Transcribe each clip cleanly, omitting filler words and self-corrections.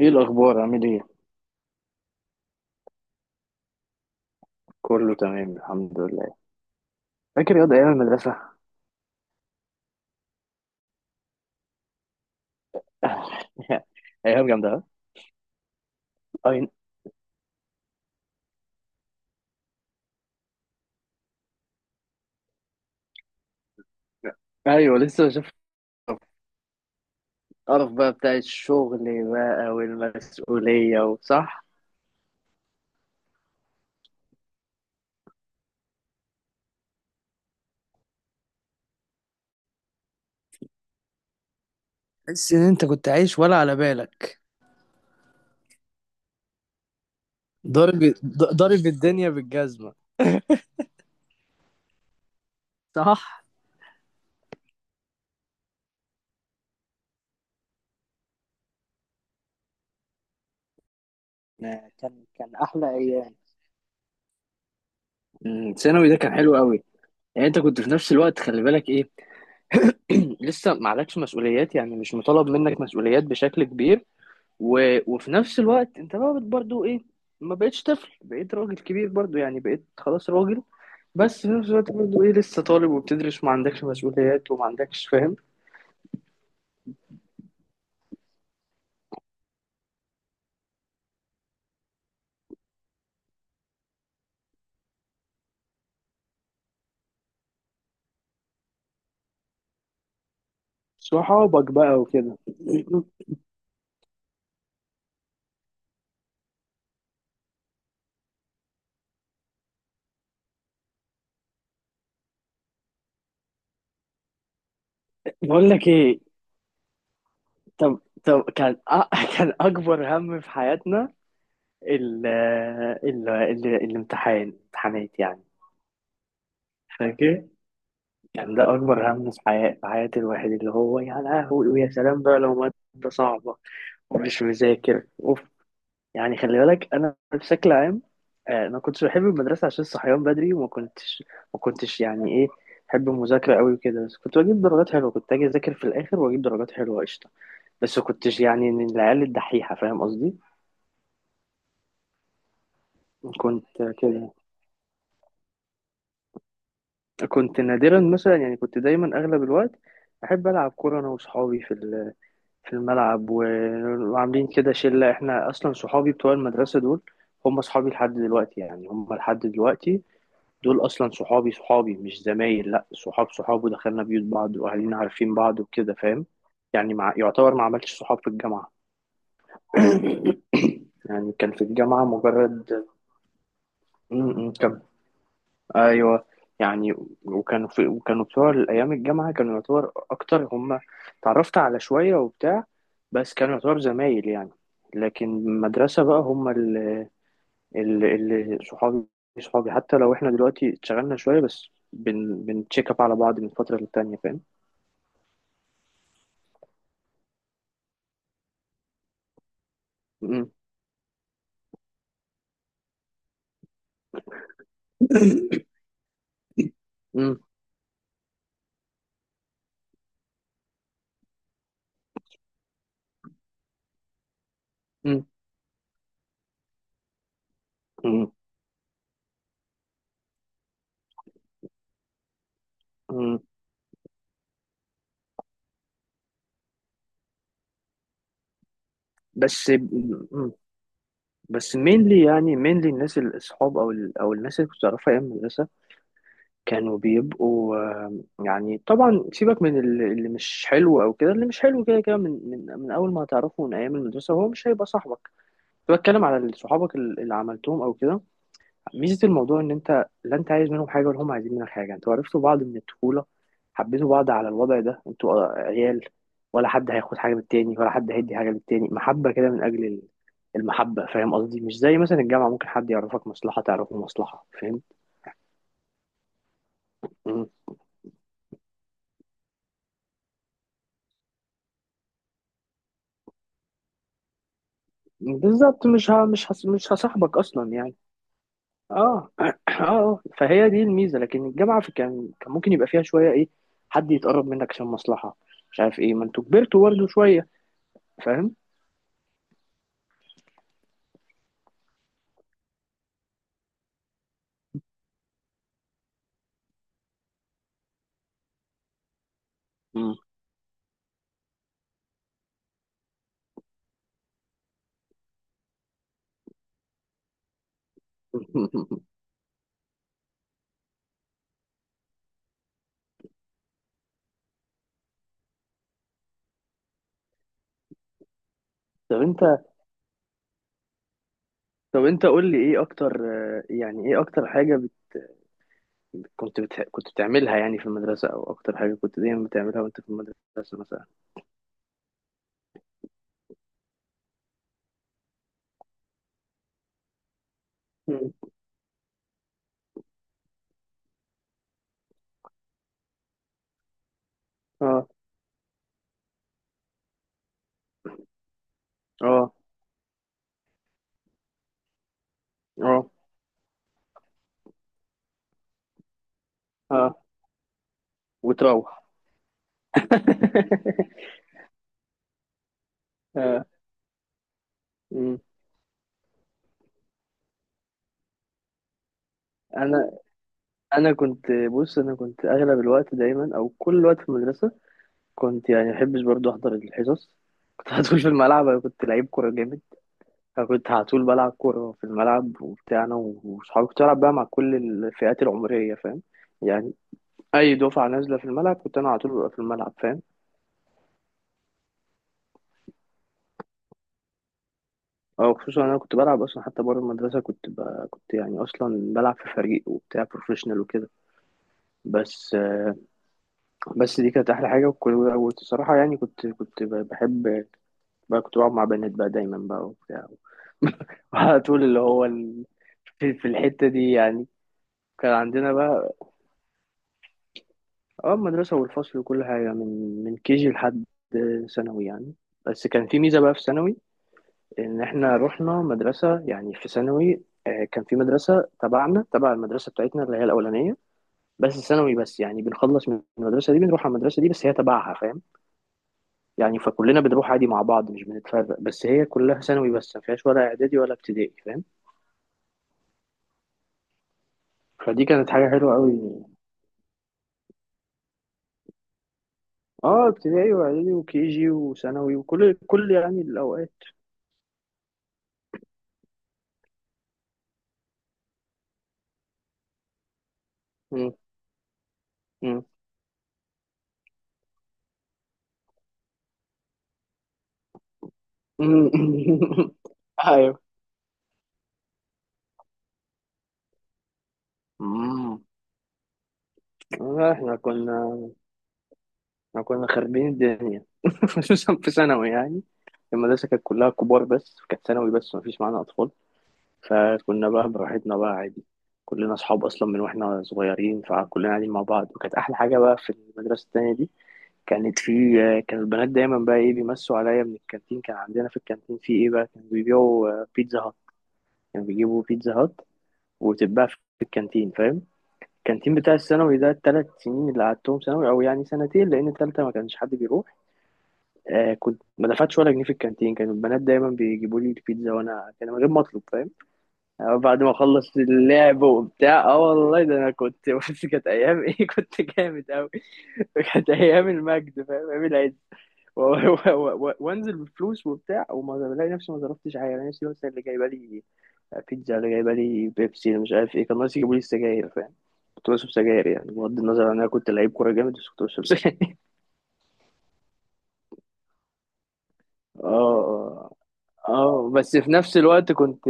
ايه الاخبار؟ عامل ايه؟ كله تمام، الحمد لله. فاكر ياض ايام المدرسه؟ ايام جامده، ها؟ أي... ايوه، لسه شفت القرف بقى بتاع الشغل بقى والمسؤوليه، وصح. تحس ان انت كنت عايش ولا على بالك؟ ضارب ضارب الدنيا بالجزمه. صح. ما كان احلى ايام. ثانوي ده كان حلو قوي. يعني انت كنت في نفس الوقت، خلي بالك ايه. لسه ما عليكش مسؤوليات، يعني مش مطالب منك مسؤوليات بشكل كبير. و... وفي نفس الوقت انت بقى برضو ايه. ما بقتش طفل، بقيت راجل كبير برضو، يعني بقيت خلاص راجل. بس في نفس الوقت برضو ايه، لسه طالب وبتدرس وما عندكش مسؤوليات وما عندكش فاهم. صحابك بقى وكده. بقول لك ايه؟ طب كان كان اكبر هم في حياتنا. ال ال ال امتحانات، يعني. فاكر. كان ده اكبر هم في حياة الواحد، اللي هو يا لهوي ويا سلام بقى لو مادة صعبة ومش مذاكر اوف. يعني خلي بالك، انا بشكل عام، انا ما كنتش بحب المدرسه عشان الصحيان بدري وما كنتش، ما كنتش يعني ايه بحب المذاكره قوي وكده. بس كنت بجيب درجات حلوه، كنت اجي اذاكر في الاخر واجيب درجات حلوه، قشطه. بس ما كنتش يعني من العيال الدحيحه، فاهم قصدي. كنت كده، كنت نادرا مثلا، يعني كنت دايما اغلب الوقت احب العب كوره انا وصحابي في الملعب، وعاملين كده شله. احنا اصلا صحابي بتوع المدرسه دول هم صحابي لحد دلوقتي، يعني هم لحد دلوقتي. دول اصلا صحابي صحابي مش زمايل، لا صحاب صحاب، ودخلنا بيوت بعض واهالينا عارفين بعض وكده، فاهم. يعني يعتبر ما عملتش صحاب في الجامعة. يعني كان في الجامعة مجرد م- م- كم ايوه، يعني. وكانوا بتوع الايام، الجامعة كانوا يعتبر اكتر هم. تعرفت على شوية وبتاع، بس كانوا يعتبر زمايل يعني. لكن المدرسة بقى هم اللي صحابي، صحابي حتى لو احنا دلوقتي اتشغلنا شوية، بس بنتشيك اب على بعض من فترة للتانية، فاهم. مم. مم. مم. مم. مم. بس. مم. بس مينلي، يعني مينلي الناس الاصحاب، او او الناس اللي كنت اعرفها ايام المدرسه كانوا بيبقوا، يعني طبعا سيبك من اللي مش حلو او كده، اللي مش حلو كده كده من اول ما هتعرفه من ايام المدرسه هو مش هيبقى صاحبك. كنت بتكلم على صحابك اللي عملتهم او كده، ميزه الموضوع ان انت لا انت عايز منهم حاجه ولا هم عايزين منك حاجه، انتوا عرفتوا بعض من الطفوله، حبيتوا بعض على الوضع ده، انتوا عيال، ولا حد هياخد حاجه من التاني ولا حد هيدي حاجه للتاني، محبه كده من اجل المحبه، فاهم قصدي، مش زي مثلا الجامعه، ممكن حد يعرفك مصلحه، تعرفه مصلحه، فاهم. مم. بالظبط، مش ه... مش هس... مش هصاحبك اصلا يعني. فهي دي الميزه، لكن الجامعه في كان كان ممكن يبقى فيها شويه ايه، حد يتقرب منك عشان مصلحه، مش عارف ايه، ما انتوا كبرتوا برضه شويه، فاهم. مم. طب انت، قول لي ايه اكتر، يعني ايه اكتر حاجة كنت بتعملها يعني في المدرسة، او اكتر حاجة كنت دايما بتعملها وانت في المدرسة مثلا؟ مم. اه. اه. اه. اه. وتروح. اه. مم. انا انا كنت بص، انا كنت اغلب الوقت دايما او كل الوقت في المدرسة. كنت يعني ما بحبش برضه احضر الحصص، كنت على طول في الملعب، انا كنت لعيب كورة. أنا كنت على طول بلعب كورة في الملعب وبتاع، أنا وصحابي كنت بلعب بقى مع كل الفئات العمرية، فاهم يعني، أي دفعة نازلة في الملعب كنت أنا على طول ببقى في الملعب، فاهم. أو خصوصا أنا كنت بلعب أصلا حتى بره المدرسة، كنت يعني أصلا بلعب في فريق وبتاع بروفيشنال وكده. بس بس دي كانت أحلى حاجة، والصراحة يعني كنت بحب بقى، كنت بقعد مع بنات بقى دايما بقى وبتاع. على طول، اللي هو في الحتة دي يعني. كان عندنا بقى، اه المدرسة والفصل وكل حاجة من جي لحد ثانوي يعني. بس كان في ميزة بقى في ثانوي، إن إحنا رحنا مدرسة يعني في ثانوي، كان في مدرسة تبعنا، تبع المدرسة بتاعتنا اللي هي الأولانية. بس ثانوي بس، يعني بنخلص من المدرسة دي بنروح على المدرسة دي، بس هي تبعها، فاهم يعني، فكلنا بنروح عادي مع بعض مش بنتفرق، بس هي كلها ثانوي بس، ما فيهاش ولا إعدادي ولا ابتدائي، فاهم. فدي كانت حاجة حلوة أوي. اه ابتدائي وإعدادي وكيجي وثانوي وكل، يعني الأوقات. مم. مم. ايوه. مم. احنا كنا احنا كنا خاربين الدنيا، خصوصا في ثانوي يعني. المدرسة كانت كلها كبار، بس كانت ثانوي بس، ما فيش معانا أطفال. فكنا بقى براحتنا بقى عادي، كلنا أصحاب أصلا من وإحنا صغيرين، فكلنا قاعدين مع بعض، وكانت أحلى حاجة بقى في المدرسة التانية دي. كانت في كان البنات دايما بقى إيه بيمسوا عليا من الكانتين، كان عندنا في الكانتين في إيه بقى، كانوا بيبيعوا بيتزا هات. كانوا بيجيبوا بيتزا هات وتتباع في الكانتين، فاهم. كان التيم بتاع الثانوي ده، الثلاث سنين اللي قعدتهم ثانوي، او يعني سنتين، لان ثالثه ما كانش حد بيروح. كنت ما دفعتش ولا جنيه في الكانتين، كانوا البنات دايما بيجيبوا لي البيتزا، وانا كان من غير ما اطلب، فاهم. بعد ما اخلص اللعب وبتاع، والله ده انا كنت بس كانت ايام ايه، كنت جامد قوي. كانت ايام المجد، فاهم، ايام العز. وانزل بفلوس وبتاع، وما بلاقي نفسي ما صرفتش حاجه، انا نفسي مثلا، اللي جايبه لي بيتزا، اللي جايبه لي بيبسي، اللي مش عارف ايه، كان ناقص يجيبوا لي السجاير، فاهم. كنت بشرب سجاير يعني، بغض النظر عن انا كنت لعيب كوره جامد، بس كنت بشرب سجاير. اه، اه، بس في نفس الوقت كنت،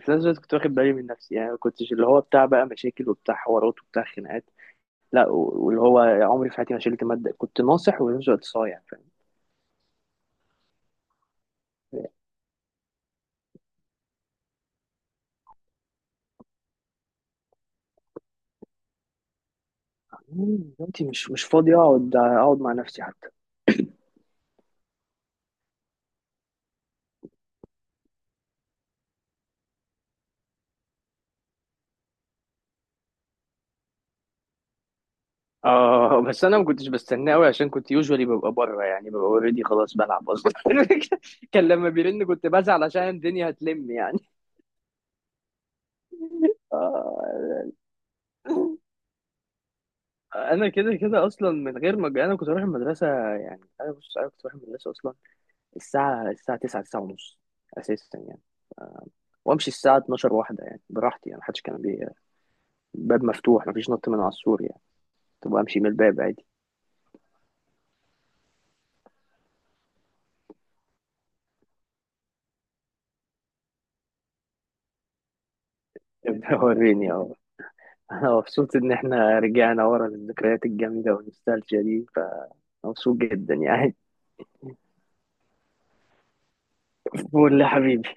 في نفس الوقت كنت واخد بالي من نفسي، يعني ما كنتش اللي هو بتاع بقى مشاكل وبتاع حوارات وبتاع خناقات، لا، واللي هو عمري في حياتي ما شلت ماده، كنت ناصح وفي نفس الوقت صايع، فاهم يعني. دلوقتي مش فاضي اقعد، مع نفسي حتى. اه بس انا ما كنتش بستناه قوي، عشان كنت يوجوالي ببقى بره، يعني ببقى اوريدي خلاص بلعب اصلا. كان لما بيرن كنت بزعل عشان الدنيا هتلم يعني. آه، انا كده كده اصلا، من غير ما انا كنت اروح المدرسه. يعني انا، بص انا كنت اروح المدرسه اصلا الساعه 9 ونص اساسا يعني، وامشي الساعه 12 واحده، يعني براحتي، يعني محدش كان بي، الباب مفتوح، مفيش نط من على السور يعني، كنت بمشي من الباب عادي. وريني. انا مبسوط ان احنا رجعنا ورا للذكريات الجميله والنوستالجيا دي، فمبسوط جدا يعني. قول لي يا حبيبي.